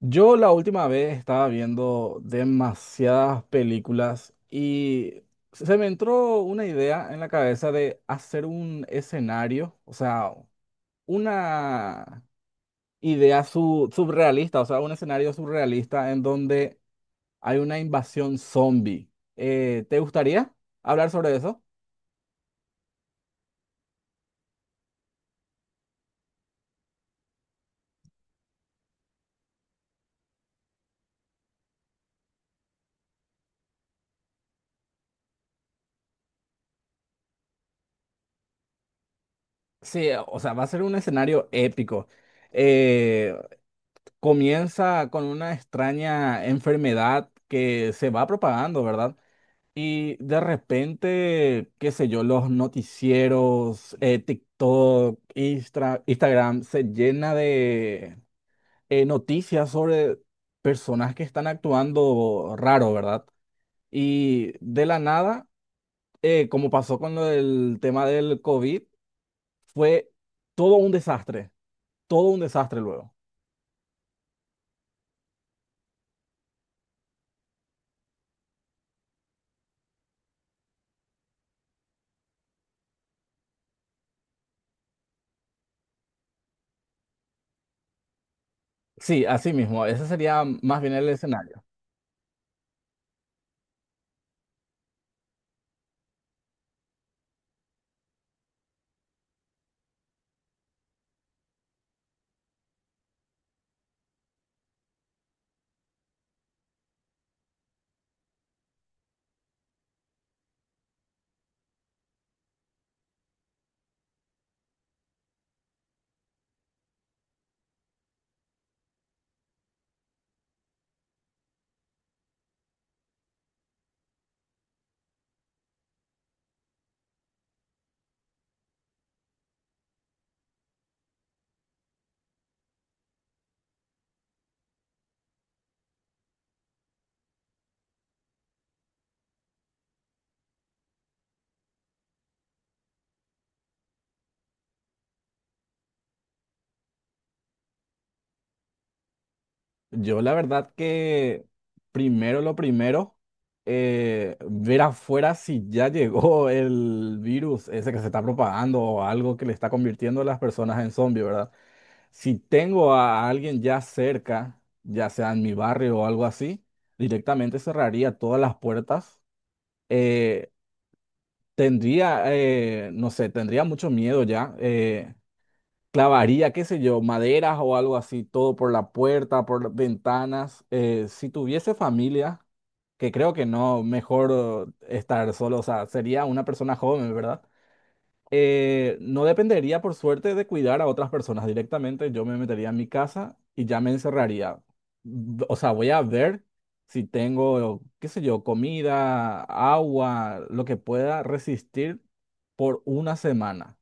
Yo la última vez estaba viendo demasiadas películas y se me entró una idea en la cabeza de hacer un escenario, o sea, una idea surrealista, o sea, un escenario surrealista en donde hay una invasión zombie. ¿te gustaría hablar sobre eso? Sí, o sea, va a ser un escenario épico. Eh, Comienza con una extraña enfermedad que se va propagando, ¿verdad? Y de repente, qué sé yo, los noticieros, TikTok, Instagram, se llena de noticias sobre personas que están actuando raro, ¿verdad? Y de la nada, como pasó con lo del tema del COVID, fue todo un desastre, todo un desastre luego. Sí, así mismo, ese sería más bien el escenario. Yo la verdad que primero lo primero, ver afuera si ya llegó el virus ese que se está propagando o algo que le está convirtiendo a las personas en zombies, ¿verdad? Si tengo a alguien ya cerca, ya sea en mi barrio o algo así, directamente cerraría todas las puertas. Eh, Tendría, no sé, tendría mucho miedo ya. Clavaría, qué sé yo, maderas o algo así, todo por la puerta, por las ventanas. Si tuviese familia, que creo que no, mejor estar solo, o sea, sería una persona joven, ¿verdad? No dependería, por suerte, de cuidar a otras personas directamente. Yo me metería en mi casa y ya me encerraría. O sea, voy a ver si tengo, qué sé yo, comida, agua, lo que pueda resistir por una semana.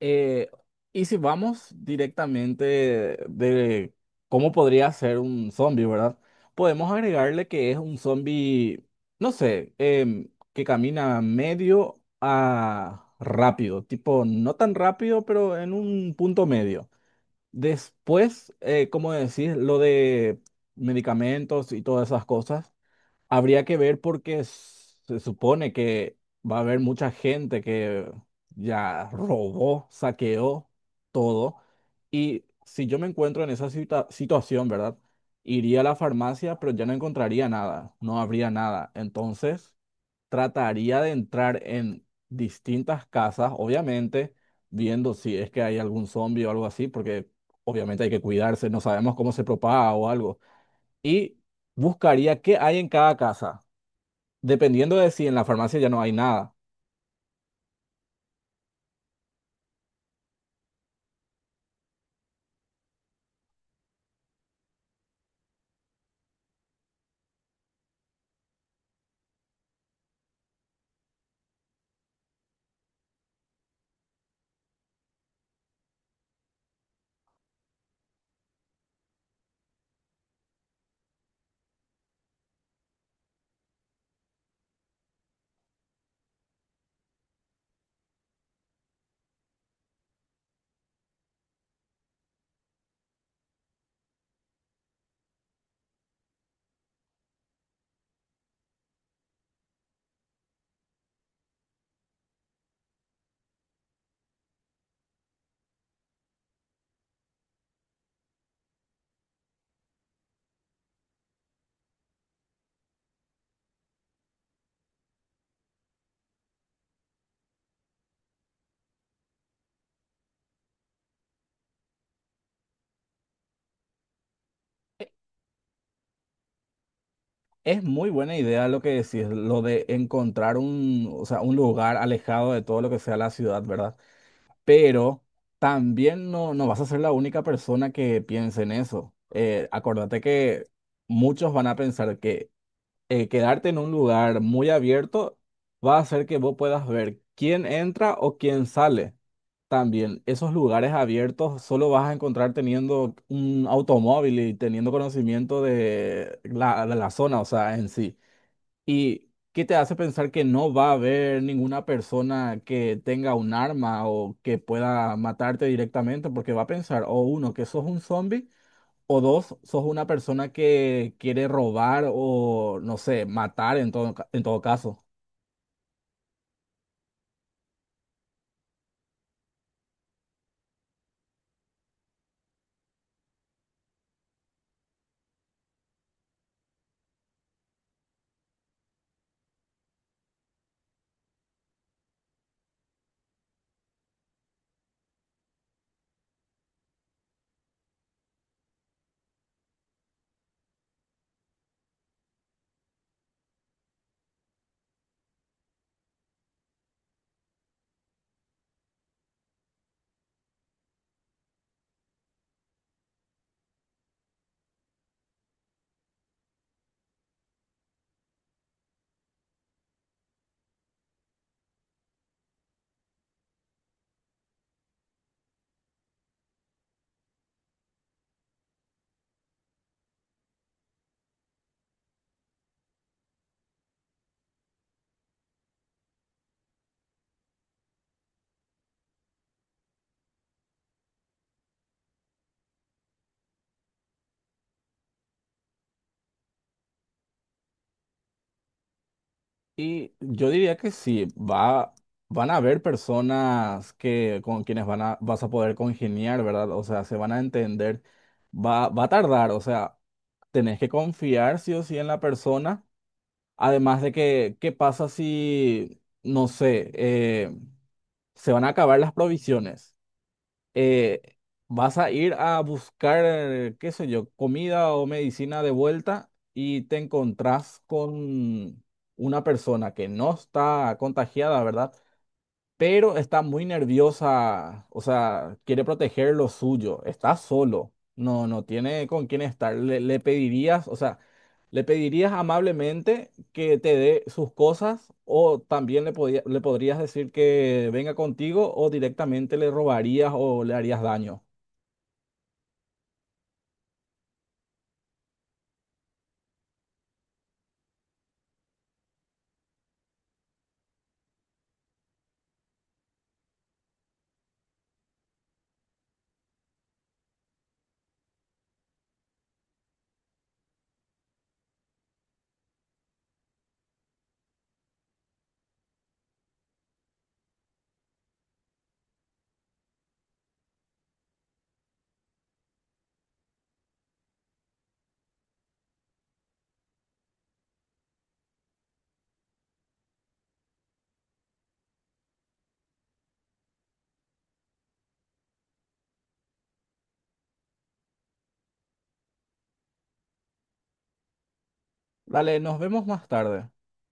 Eh, y si vamos directamente de cómo podría ser un zombie, ¿verdad? Podemos agregarle que es un zombie, no sé, que camina medio a rápido, tipo no tan rápido, pero en un punto medio. Después, como decís, lo de medicamentos y todas esas cosas. Habría que ver porque se supone que va a haber mucha gente que ya robó, saqueó todo. Y si yo me encuentro en esa situación, ¿verdad? Iría a la farmacia, pero ya no encontraría nada, no habría nada. Entonces, trataría de entrar en distintas casas, obviamente, viendo si es que hay algún zombie o algo así, porque obviamente hay que cuidarse, no sabemos cómo se propaga o algo. Y buscaría qué hay en cada casa, dependiendo de si en la farmacia ya no hay nada. E- Es muy buena idea lo que decís, lo de encontrar un, o sea, un lugar alejado de todo lo que sea la ciudad, ¿verdad? Pero también no, no vas a ser la única persona que piense en eso. Acordate que muchos van a pensar que quedarte en un lugar muy abierto va a hacer que vos puedas ver quién entra o quién sale. También esos lugares abiertos solo vas a encontrar teniendo un automóvil y teniendo conocimiento de la zona, o sea, en sí. ¿Y qué te hace pensar que no va a haber ninguna persona que tenga un arma o que pueda matarte directamente? Porque va a pensar, o uno, que sos un zombie o dos, sos una persona que quiere robar o, no sé, matar en todo, en todo caso. Y yo diría que sí, va, van a haber personas que, con quienes van a, vas a poder congeniar, ¿verdad? O sea, se van a entender. Va, va a tardar, o sea, tenés que confiar sí o sí en la persona. Además de que, ¿qué pasa si, no sé, se van a acabar las provisiones? eh, Vas a ir a buscar, qué sé yo, comida o medicina de vuelta y te encontrás con una persona que no está contagiada, ¿verdad? Pero está muy nerviosa, o sea, quiere proteger lo suyo, está solo, no, no tiene con quién estar. Le pedirías, o sea, le pedirías amablemente que te dé sus cosas o también le, le podrías decir que venga contigo o directamente le robarías o le harías daño. Dale, nos vemos más tarde.